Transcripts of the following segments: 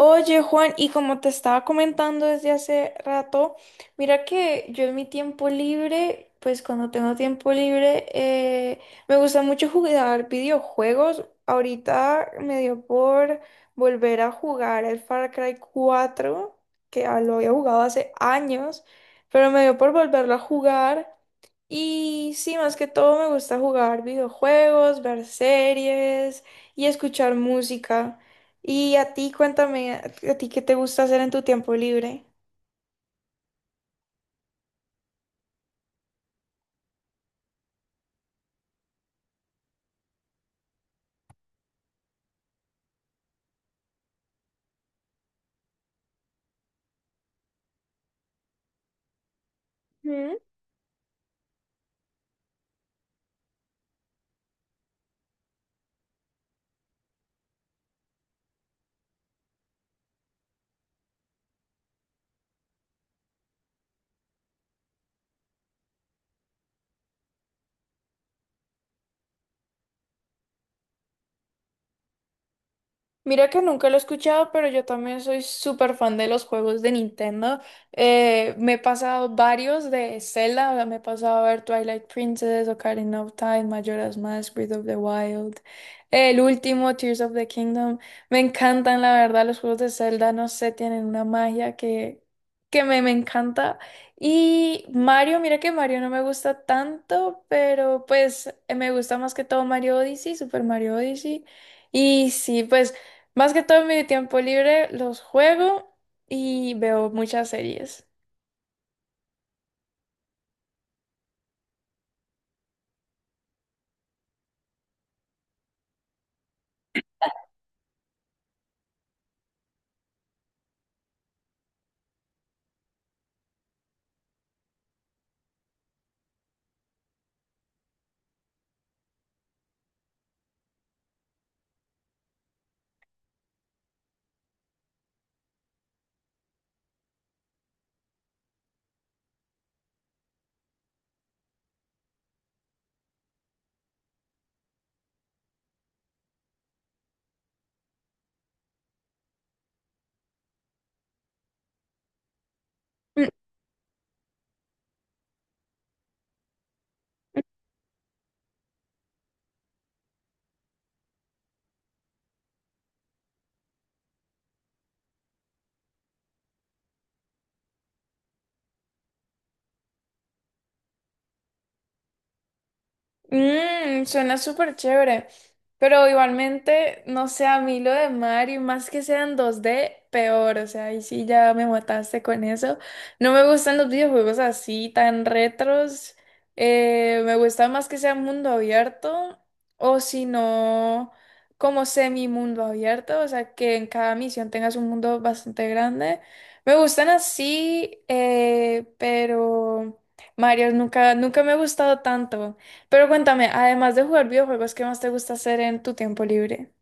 Oye, Juan, y como te estaba comentando desde hace rato, mira que yo en mi tiempo libre, pues cuando tengo tiempo libre, me gusta mucho jugar videojuegos. Ahorita me dio por volver a jugar el Far Cry 4, que lo había jugado hace años, pero me dio por volverlo a jugar. Y sí, más que todo me gusta jugar videojuegos, ver series y escuchar música. Y a ti, cuéntame, ¿a ti qué te gusta hacer en tu tiempo libre? Ujú. Mira que nunca lo he escuchado, pero yo también soy súper fan de los juegos de Nintendo. Me he pasado varios de Zelda, o sea, me he pasado a ver Twilight Princess, Ocarina of Time, Majora's Mask, Breath of the Wild, el último, Tears of the Kingdom. Me encantan, la verdad, los juegos de Zelda, no sé, tienen una magia que me encanta. Y Mario, mira que Mario no me gusta tanto, pero pues me gusta más que todo Mario Odyssey, Super Mario Odyssey. Y sí, pues... Más que todo en mi tiempo libre los juego y veo muchas series. Mm. Mmm, suena súper chévere. Pero igualmente, no sé, a mí lo de Mario, más que sean dos d peor. O sea, ahí sí ya me mataste con eso. No me gustan los videojuegos así, tan retros. Me gusta más que sea mundo abierto. O si no, como semi mundo abierto. O sea, que en cada misión tengas un mundo bastante grande. Me gustan así, pero Mario nunca, nunca me ha gustado tanto. Pero cuéntame, además de jugar videojuegos, ¿qué más te gusta hacer en tu tiempo libre?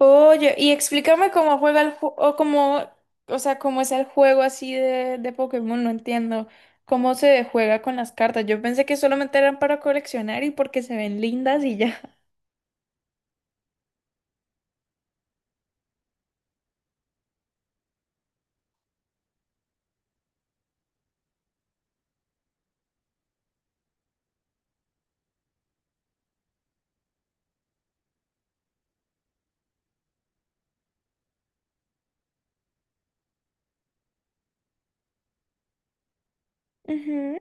Oye, y explícame cómo juega el juego, o cómo, o sea, cómo es el juego así de Pokémon, no entiendo. ¿Cómo se juega con las cartas? Yo pensé que solamente eran para coleccionar y porque se ven lindas y ya. Ujú,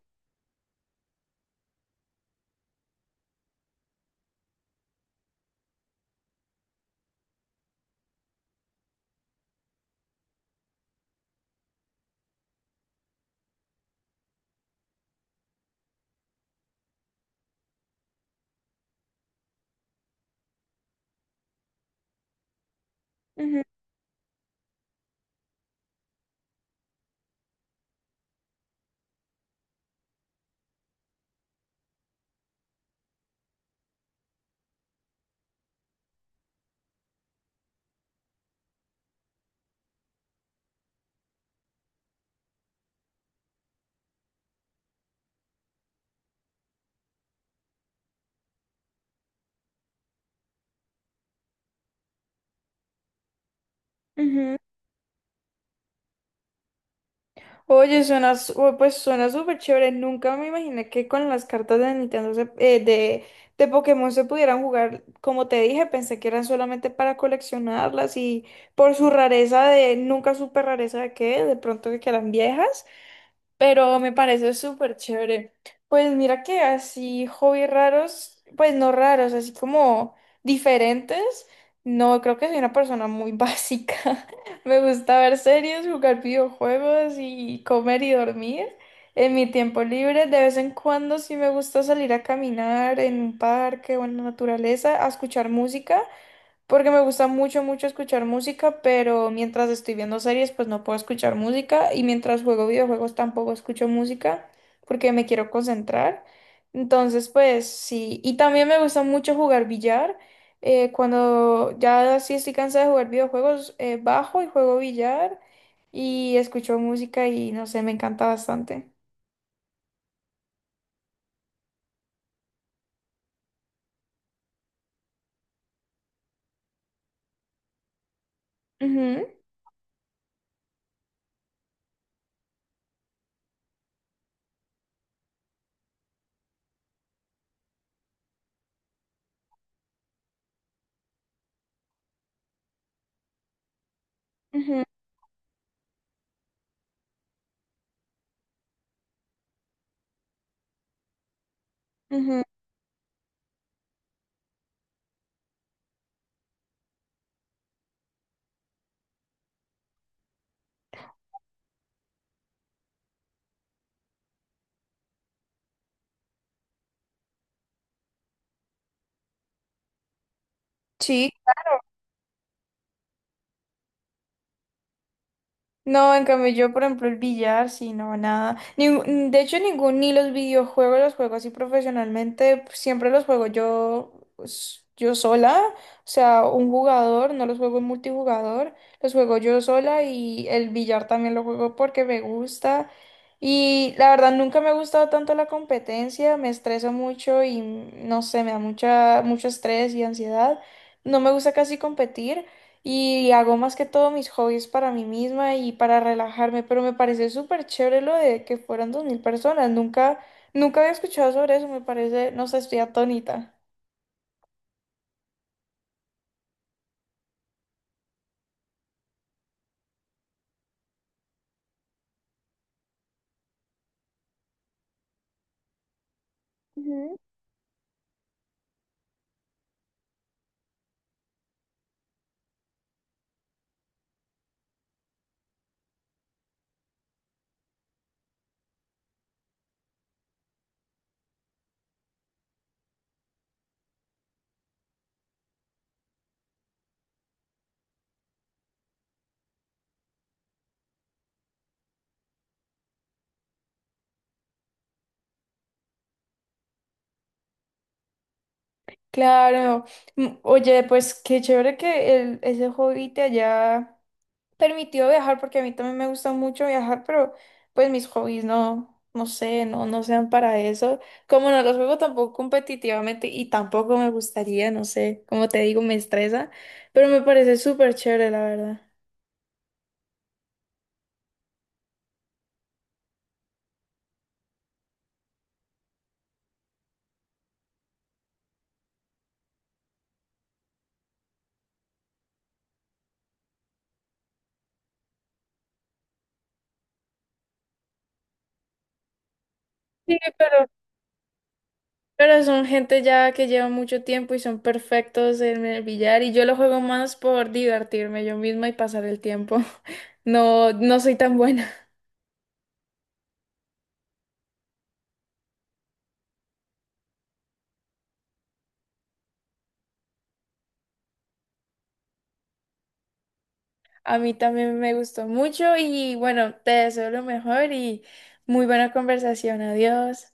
ujú, ujú. Oye, suena, su- o- pues suena súper chévere. Nunca me imaginé que con las cartas de Nintendo, se- de Pokémon se pudieran jugar. Como te dije, pensé que eran solamente para coleccionarlas y por su rareza de, nunca supe rareza de qué, de pronto de que eran viejas pero me parece súper chévere. Pues mira que así hobbies raros, pues no raros, así como diferentes. No, creo que soy una persona muy básica. Me gusta ver series, jugar videojuegos y comer y dormir. En mi tiempo libre, de vez en cuando sí me gusta salir a caminar en un parque o en la naturaleza, a escuchar música. Porque me gusta mucho, mucho escuchar música, pero mientras estoy viendo series, pues no puedo escuchar música. Y mientras juego videojuegos tampoco escucho música porque me quiero concentrar. Entonces, pues sí. Y también me gusta mucho jugar billar. Cuando ya sí estoy cansada de jugar videojuegos, bajo y juego billar y escucho música y no sé, me encanta bastante. Ujú, ujú, ujú. Sí, no, en cambio yo, por ejemplo, el billar, sí, no, nada. Ningún- de hecho, ningún, ni los videojuegos los juego así profesionalmente, pues, siempre los juego yo, s- yo sola, o sea, un jugador, no los juego en multijugador, los juego yo sola y el billar también lo juego porque me gusta. Y la verdad, nunca me ha gustado tanto la competencia, me estreso mucho y no sé, me da mucha, mucho estrés y ansiedad. No me gusta casi competir. Y hago más que todo mis hobbies para mí misma y para relajarme, pero me parece súper chévere lo de que fueran 2000 personas. Nunca, nunca había escuchado sobre eso, me parece, no sé, estoy atónita. Ujú. Claro. Mm, oye, pues qué chévere que el, ese hobby te haya permitido viajar porque a mí también me gusta mucho viajar, pero pues mis hobbies no, no sé, no, no sean para eso. Como no los juego tampoco competitivamente y tampoco me gustaría, no sé, como te digo, me estresa, pero me parece súper chévere, la verdad. Sí, pero son gente ya que lleva mucho tiempo y son perfectos en el billar y yo lo juego más por divertirme yo misma y pasar el tiempo. No, no soy tan buena. A mí también me gustó mucho y bueno, te deseo lo mejor y muy buena conversación. Adiós.